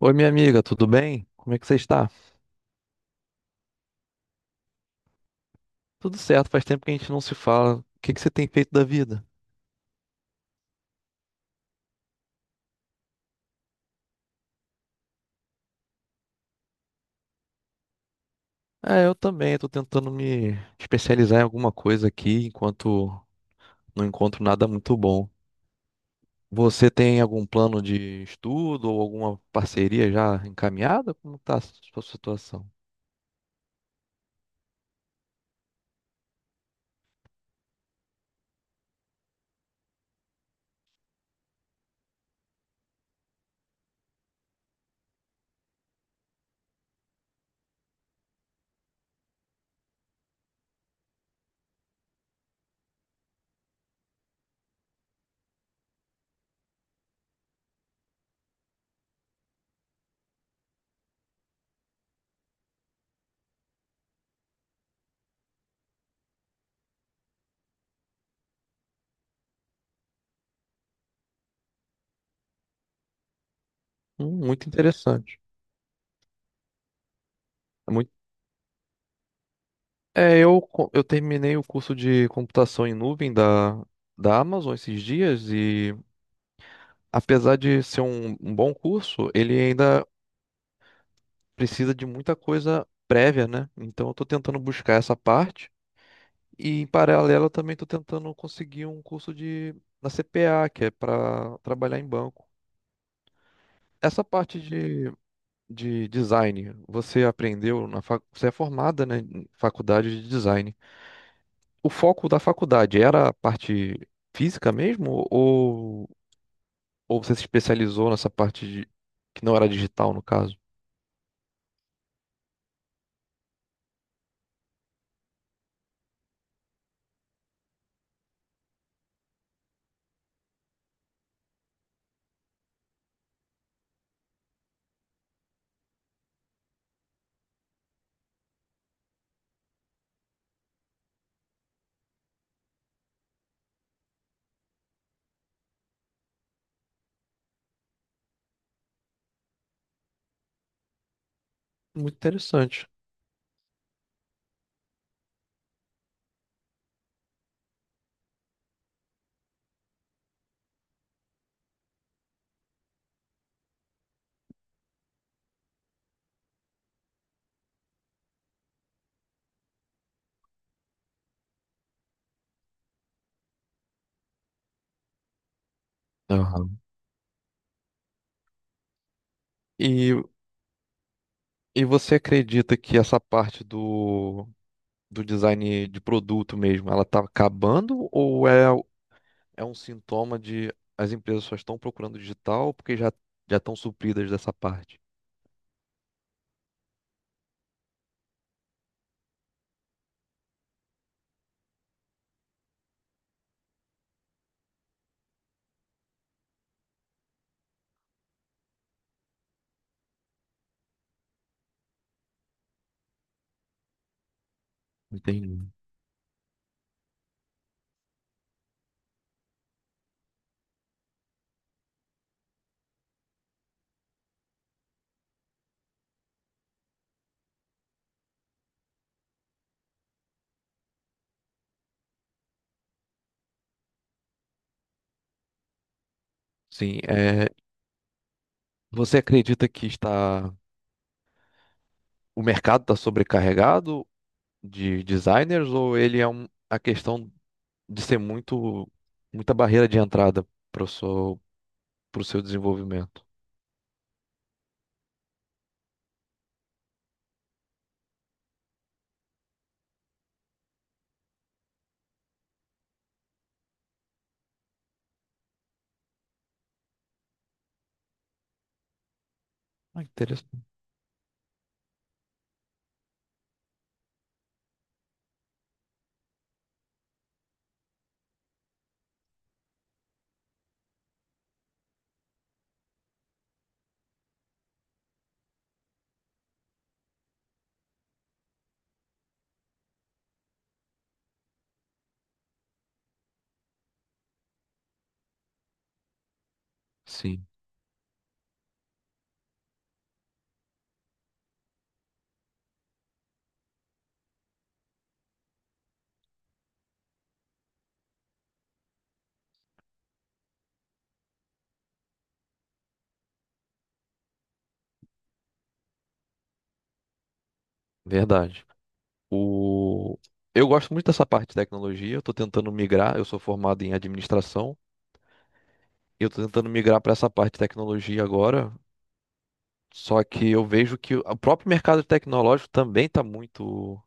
Oi, minha amiga, tudo bem? Como é que você está? Tudo certo, faz tempo que a gente não se fala. O que você tem feito da vida? Ah, eu também, estou tentando me especializar em alguma coisa aqui, enquanto não encontro nada muito bom. Você tem algum plano de estudo ou alguma parceria já encaminhada? Como está a sua situação? Muito interessante. É, muito... eu, eu terminei o curso de computação em nuvem da Amazon esses dias e, apesar de ser um bom curso, ele ainda precisa de muita coisa prévia, né? Então eu tô tentando buscar essa parte e, em paralelo, eu também tô tentando conseguir um curso de na CPA, que é para trabalhar em banco. Essa parte de design, você aprendeu na você é formada, né, em faculdade de design. O foco da faculdade era a parte física mesmo, ou você se especializou nessa parte de... que não era digital, no caso? Muito interessante. Aham. E, e você acredita que essa parte do design de produto mesmo, ela está acabando, ou é um sintoma de as empresas só estão procurando digital porque já estão supridas dessa parte? Entendi. Sim, você acredita que está o mercado está sobrecarregado de designers, ou ele é um, a questão de ser muito muita barreira de entrada para o para o seu desenvolvimento? Ah, interessante. Sim, verdade. O... Eu gosto muito dessa parte de tecnologia, eu estou tentando migrar, eu sou formado em administração, e eu estou tentando migrar para essa parte de tecnologia agora, só que eu vejo que o próprio mercado tecnológico também está muito,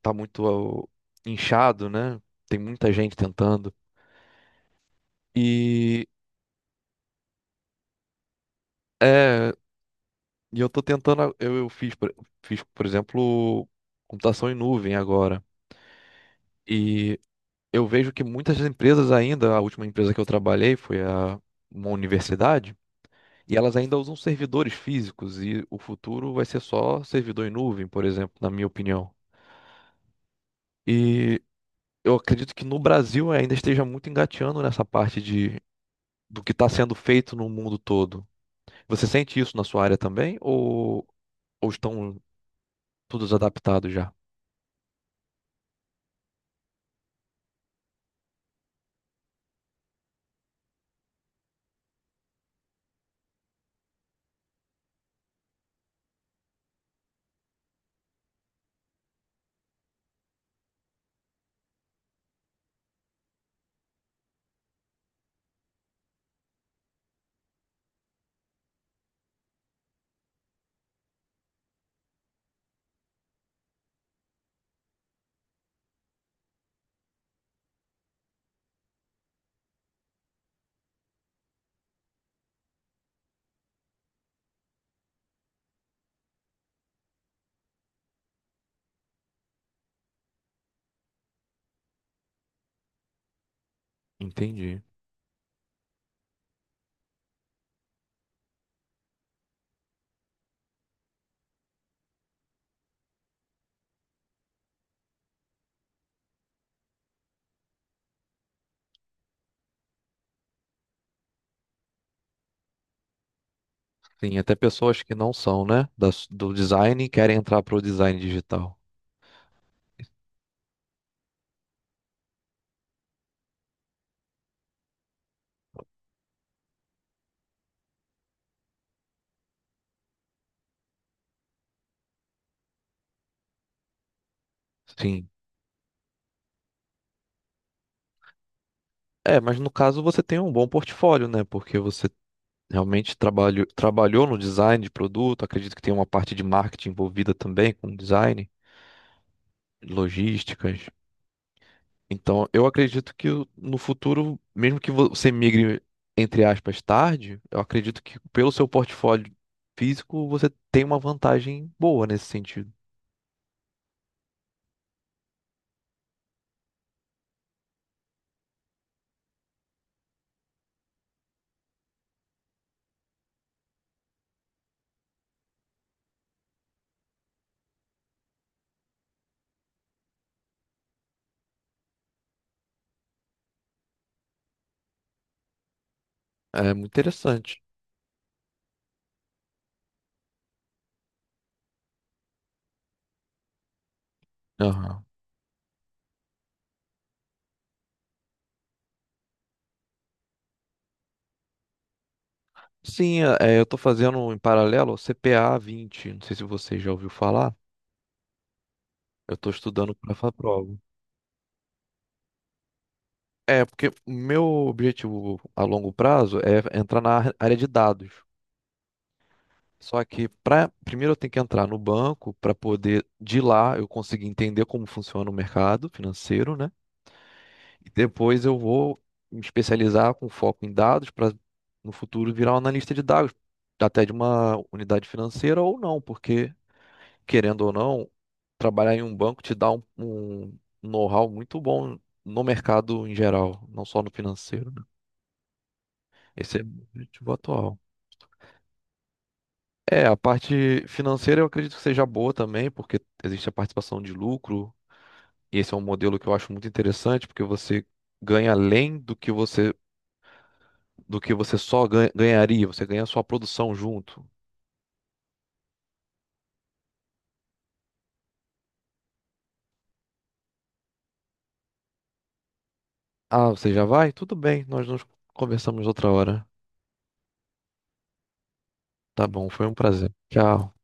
tá muito ó, inchado, né? Tem muita gente tentando. E é, e eu estou tentando, eu fiz, por exemplo, computação em nuvem agora, e eu vejo que muitas empresas ainda, a última empresa que eu trabalhei foi uma universidade, e elas ainda usam servidores físicos, e o futuro vai ser só servidor em nuvem, por exemplo, na minha opinião. E eu acredito que no Brasil ainda esteja muito engateando nessa parte do que está sendo feito no mundo todo. Você sente isso na sua área também, ou estão todos adaptados já? Entendi. Sim, até pessoas que não são, né, do design, e querem entrar para o design digital. Sim. É, mas no caso você tem um bom portfólio, né? Porque você realmente trabalhou no design de produto, acredito que tem uma parte de marketing envolvida também com design, logísticas. Então, eu acredito que no futuro, mesmo que você migre, entre aspas, tarde, eu acredito que pelo seu portfólio físico você tem uma vantagem boa nesse sentido. É muito interessante. Aham. Sim, eu estou fazendo em paralelo o CPA-20, não sei se você já ouviu falar, eu estou estudando para a prova. É, porque o meu objetivo a longo prazo é entrar na área de dados. Só que primeiro eu tenho que entrar no banco para poder, de lá, eu conseguir entender como funciona o mercado financeiro, né? E depois eu vou me especializar com foco em dados para, no futuro, virar um analista de dados, até de uma unidade financeira ou não, porque, querendo ou não, trabalhar em um banco te dá um know-how muito bom no mercado em geral, não só no financeiro. Esse é o objetivo atual. É, a parte financeira eu acredito que seja boa também, porque existe a participação de lucro, e esse é um modelo que eu acho muito interessante, porque você ganha além do que você só ganharia, você ganha a sua produção junto. Ah, você já vai? Tudo bem, nós nos conversamos outra hora. Tá bom, foi um prazer. Tchau.